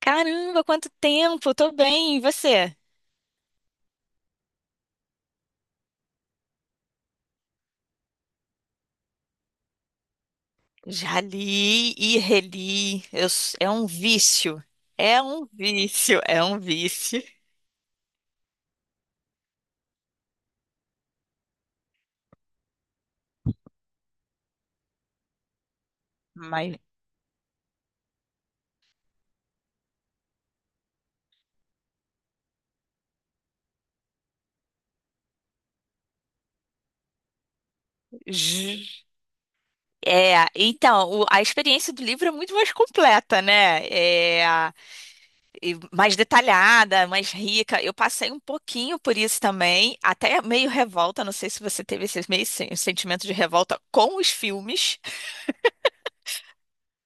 Caramba, quanto tempo! Tô bem, e você? Já li e reli. É um vício. É um vício, é um vício. Mas ju- a experiência do livro é muito mais completa, né? E mais detalhada, mais rica. Eu passei um pouquinho por isso também, até meio revolta. Não sei se você teve esse meio sentimento de revolta com os filmes,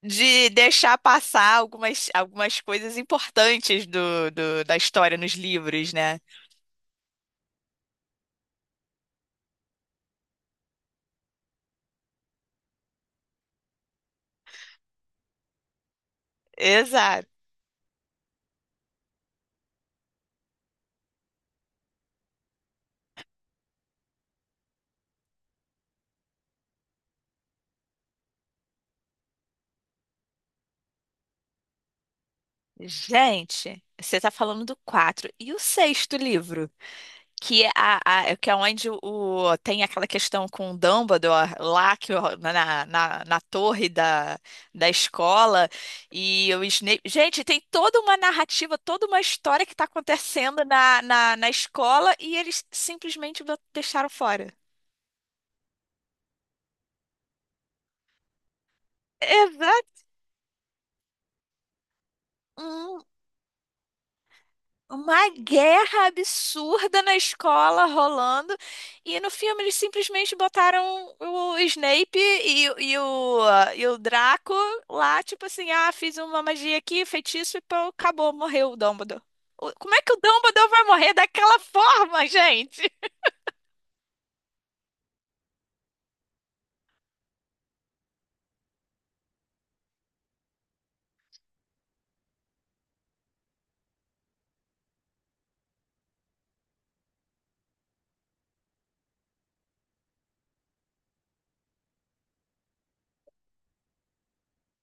de deixar passar algumas, algumas coisas importantes da história nos livros, né? Exato. Gente, você tá falando do quatro e o sexto livro, que é, é que é onde tem aquela questão com o Dumbledore lá que, na torre da escola e o Snape. Gente, tem toda uma narrativa, toda uma história que tá acontecendo na escola e eles simplesmente deixaram fora. um- uma guerra absurda na escola rolando. E no filme eles simplesmente botaram o Snape e o Draco lá, tipo assim, ah, fiz uma magia aqui, feitiço e pô, acabou, morreu o Dumbledore. Como é que o Dumbledore vai morrer daquela forma, gente?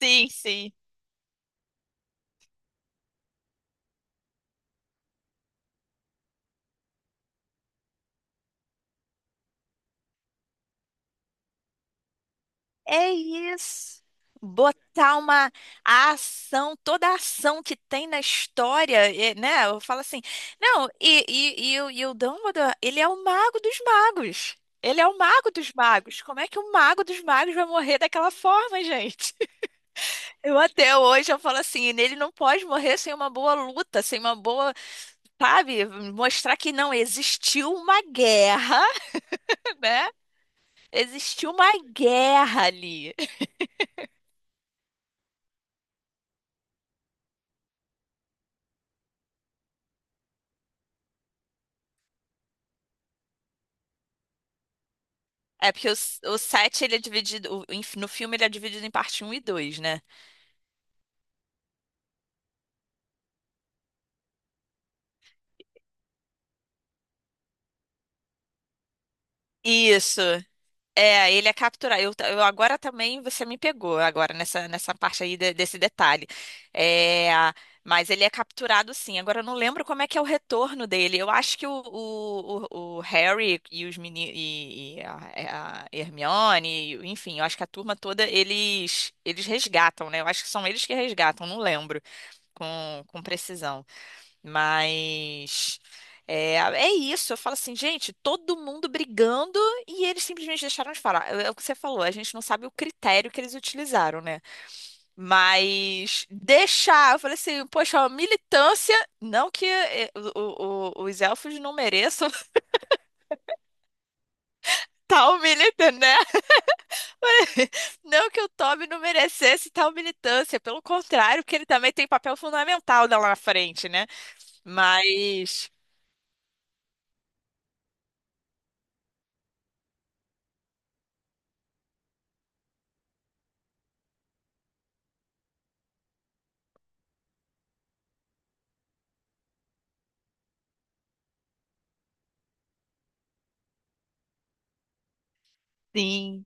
Sim, sim. É isso. Botar uma a ação, toda a ação que tem na história, é, né? Eu falo assim, não, o Dumbledore, ele é o mago dos magos. Ele é o mago dos magos. Como é que o mago dos magos vai morrer daquela forma, gente? Eu até hoje eu falo assim, ele não pode morrer sem uma boa luta, sem uma boa, sabe, mostrar que não existiu uma guerra, né? Existiu uma guerra ali. É porque o 7, ele é dividido. No filme ele é dividido em parte um e dois, né? Isso. É, ele é capturado. Eu agora também, você me pegou agora nessa parte aí desse detalhe. É, mas ele é capturado sim. Agora eu não lembro como é que é o retorno dele. Eu acho que o Harry e os meni, e a, é, a Hermione, enfim, eu acho que a turma toda, eles resgatam, né? Eu acho que são eles que resgatam, não lembro com precisão. Mas é, é isso. Eu falo assim, gente, todo mundo brigando e eles simplesmente deixaram de falar. É, é o que você falou, a gente não sabe o critério que eles utilizaram, né? Mas deixar, eu falei assim, poxa, a militância, não que é, o- os elfos não mereçam tal militância, né? Não que o Toby não merecesse tal militância, pelo contrário, porque ele também tem papel fundamental lá na frente, né? Mas. Sim.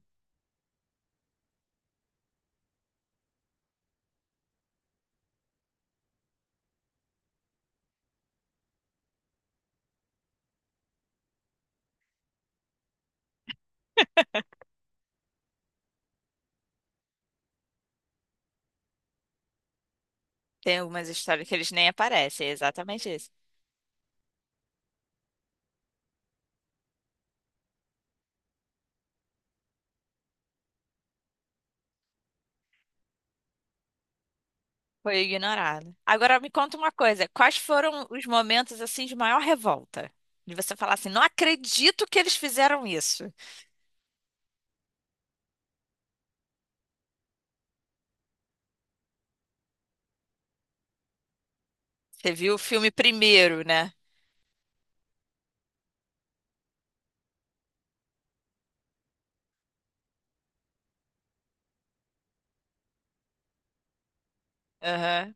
Tem algumas histórias que eles nem aparecem, é exatamente isso. Foi ignorado. Agora me conta uma coisa, quais foram os momentos assim de maior revolta? De você falar assim, não acredito que eles fizeram isso. Você viu o filme primeiro, né? Aham.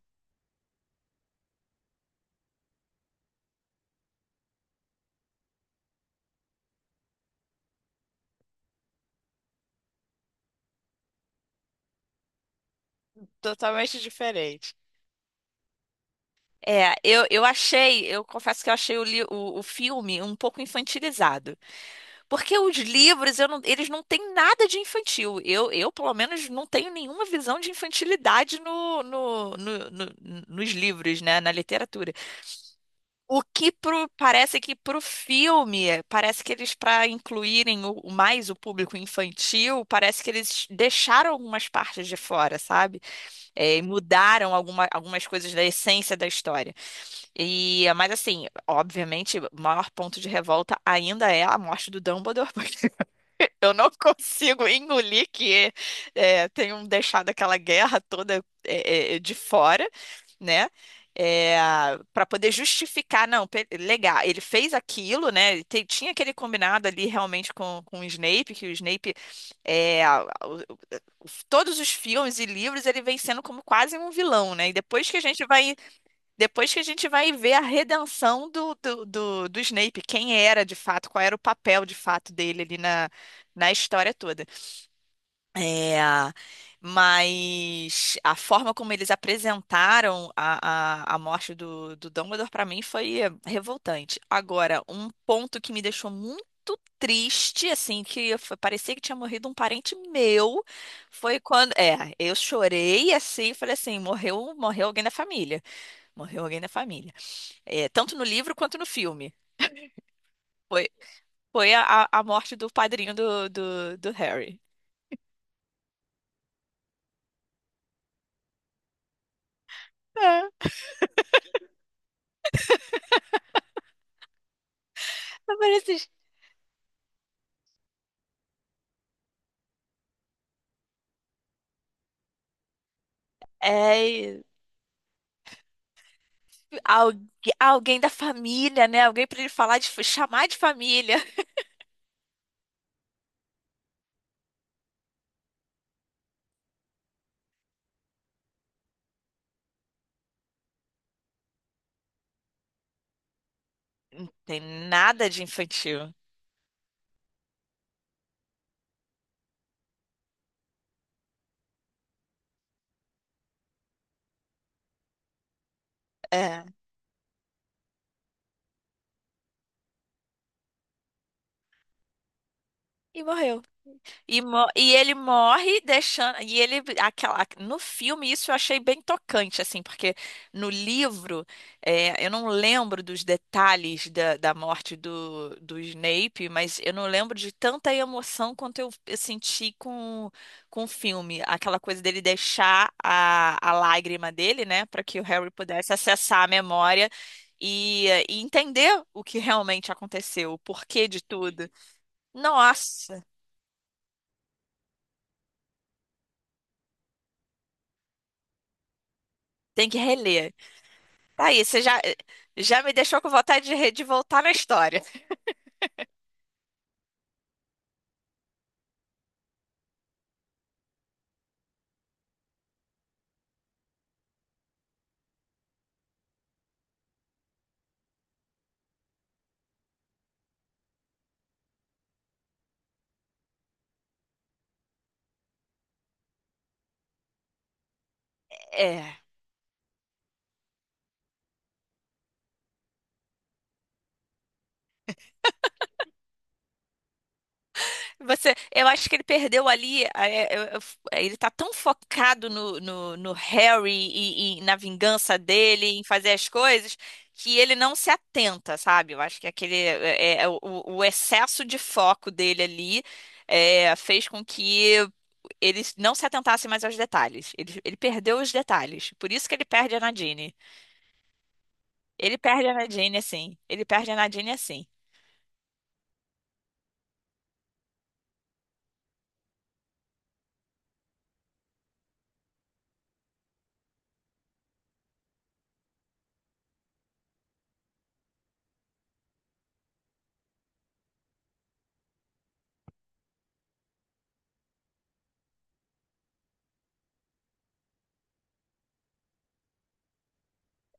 Totalmente diferente. É, eu achei, eu confesso que eu achei o filme um pouco infantilizado. Porque os livros, eu não- eles não têm nada de infantil. Eu, pelo menos, não tenho nenhuma visão de infantilidade nos livros, né? Na literatura. Parece que pro filme, parece que eles, para incluírem o mais o público infantil, parece que eles deixaram algumas partes de fora, sabe? É, e mudaram algumas coisas da essência da história. E, mas assim, obviamente, o maior ponto de revolta ainda é a morte do Dumbledore. Eu não consigo engolir que tenham deixado aquela guerra toda de fora, né? Para poder justificar, não, legal, ele fez aquilo, né? Tinha aquele combinado ali realmente com o Snape, que o Snape, é, a- o- o- todos os filmes e livros, ele vem sendo como quase um vilão, né? E depois que a gente vai depois que a gente vai ver a redenção do Snape, quem era de fato, qual era o papel de fato dele ali na história toda. É, mas a forma como eles apresentaram a morte do Dumbledore para mim foi revoltante. Agora, um ponto que me deixou muito triste, assim, que parecia que tinha morrido um parente meu, foi quando, é, eu chorei assim, falei assim, morreu, morreu alguém da família, morreu alguém da família. É, tanto no livro quanto no filme. Foi, foi a morte do padrinho do Harry. É, aparece. É, e algu- alguém da família, né? Alguém pra ele falar de, chamar de família. Não tem nada de infantil. É. E morreu. E, e ele morre deixando. E ele. Aquela, no filme, isso eu achei bem tocante, assim, porque no livro, é, eu não lembro dos detalhes da morte do Snape, mas eu não lembro de tanta emoção quanto eu senti com o filme. Aquela coisa dele deixar a lágrima dele, né, para que o Harry pudesse acessar a memória e entender o que realmente aconteceu, o porquê de tudo. Nossa, tem que reler. Tá aí, você já, já me deixou com vontade de, de voltar na história. É. Você, eu acho que ele perdeu ali. Ele tá tão focado no Harry e na vingança dele, em fazer as coisas, que ele não se atenta, sabe? Eu acho que aquele, o excesso de foco dele ali fez com que ele não se atentasse mais aos detalhes. Ele perdeu os detalhes. Por isso que ele perde a Nadine. Ele perde a Nadine assim. Ele perde a Nadine assim.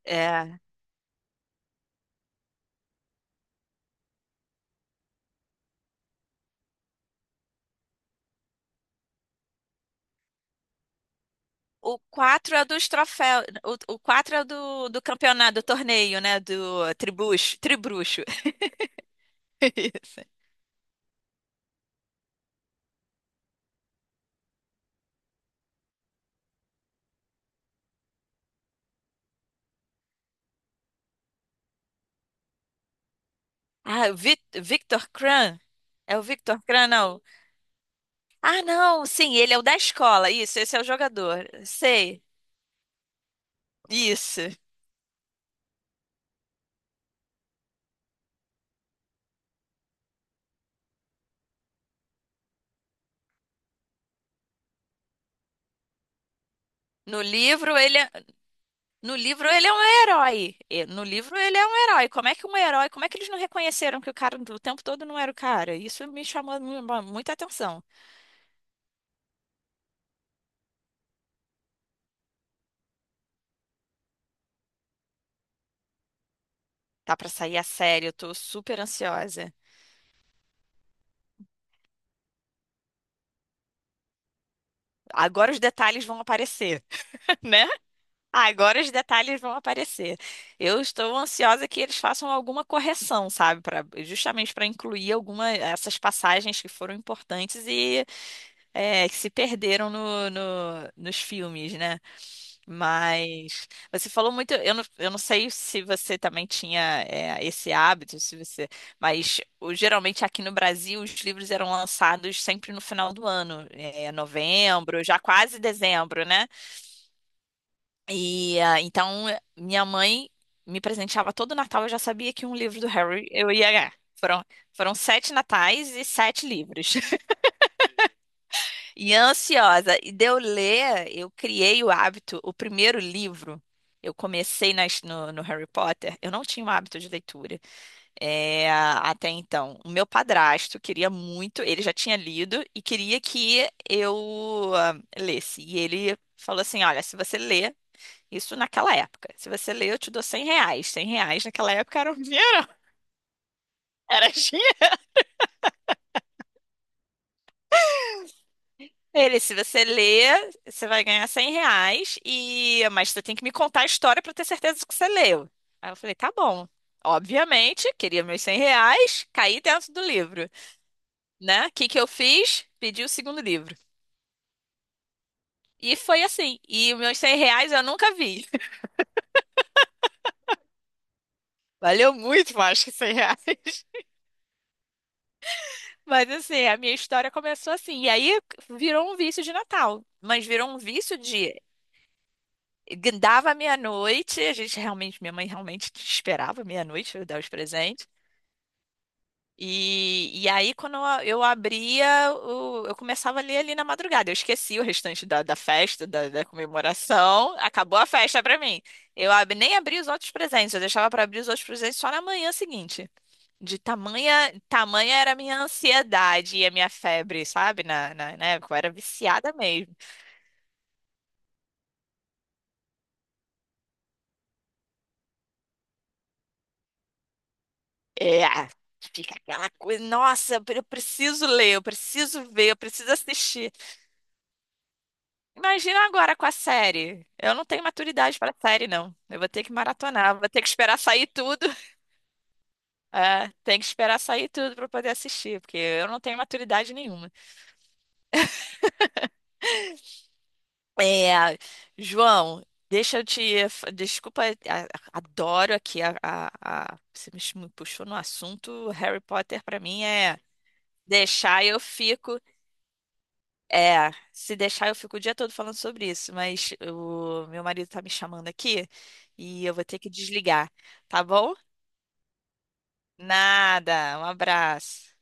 É. O 4 é dos troféus. O 4 é do campeonato, do torneio, né? Do tribucho, tribruxo. Isso. Ah, o Victor Kran? É o Victor Kran, não? Ah, não, sim, ele é o da escola. Isso, esse é o jogador. Sei. Isso. No livro ele é, no livro ele é um herói. No livro ele é um herói. Como é que um herói, como é que eles não reconheceram que o cara o tempo todo não era o cara? Isso me chamou muita atenção. Tá pra sair a série, eu tô super ansiosa. Agora os detalhes vão aparecer, né? Agora os detalhes vão aparecer. Eu estou ansiosa que eles façam alguma correção, sabe, para justamente para incluir alguma essas passagens que foram importantes. E é, que se perderam nos filmes, né? Mas você falou muito, eu não sei se você também tinha esse hábito, se você, mas geralmente aqui no Brasil os livros eram lançados sempre no final do ano, é, novembro, já quase dezembro, né? E minha mãe me presenteava todo Natal, eu já sabia que um livro do Harry eu ia ganhar. Foram, foram sete natais e sete livros. E ansiosa. E de eu ler, eu criei o hábito, o primeiro livro. Eu comecei no Harry Potter, eu não tinha um hábito de leitura até então. O meu padrasto queria muito, ele já tinha lido e queria que eu lesse. E ele falou assim: Olha, se você ler, isso naquela época, se você ler, eu te dou 100 reais. Cem reais naquela época era um dinheiro, era. Ele, se você ler, você vai ganhar 100 reais, e... mas você tem que me contar a história para ter certeza que você leu. Aí eu falei, tá bom. Obviamente, queria meus 100 reais, caí dentro do livro, né? O que que eu fiz? Pedi o segundo livro. E foi assim. E os meus 100 reais eu nunca vi. Valeu muito mais que 100 reais. Mas assim, a minha história começou assim. E aí virou um vício de Natal. Mas virou um vício de. Dava meia-noite, a gente realmente, minha mãe realmente esperava meia-noite pra eu dar os presentes. E aí, quando eu abria, eu começava a ler ali na madrugada. Eu esqueci o restante da festa, da comemoração. Acabou a festa pra mim. Nem abri os outros presentes, eu deixava pra abrir os outros presentes só na manhã seguinte. De tamanha, tamanha era a minha ansiedade e a minha febre, sabe? Na época, eu era viciada. É, fica aquela coisa, nossa, eu preciso ler, eu preciso ver, eu preciso assistir. Imagina agora com a série. Eu não tenho maturidade para série, não. Eu vou ter que maratonar, vou ter que esperar sair tudo. É, tem que esperar sair tudo para poder assistir, porque eu não tenho maturidade nenhuma. É, João, deixa eu te. Fa- desculpa, a- adoro aqui Você me puxou no assunto. Harry Potter, para mim, é. Deixar eu fico. É, se deixar eu fico o dia todo falando sobre isso, mas o meu marido tá me chamando aqui e eu vou ter que desligar, tá bom? Nada, um abraço.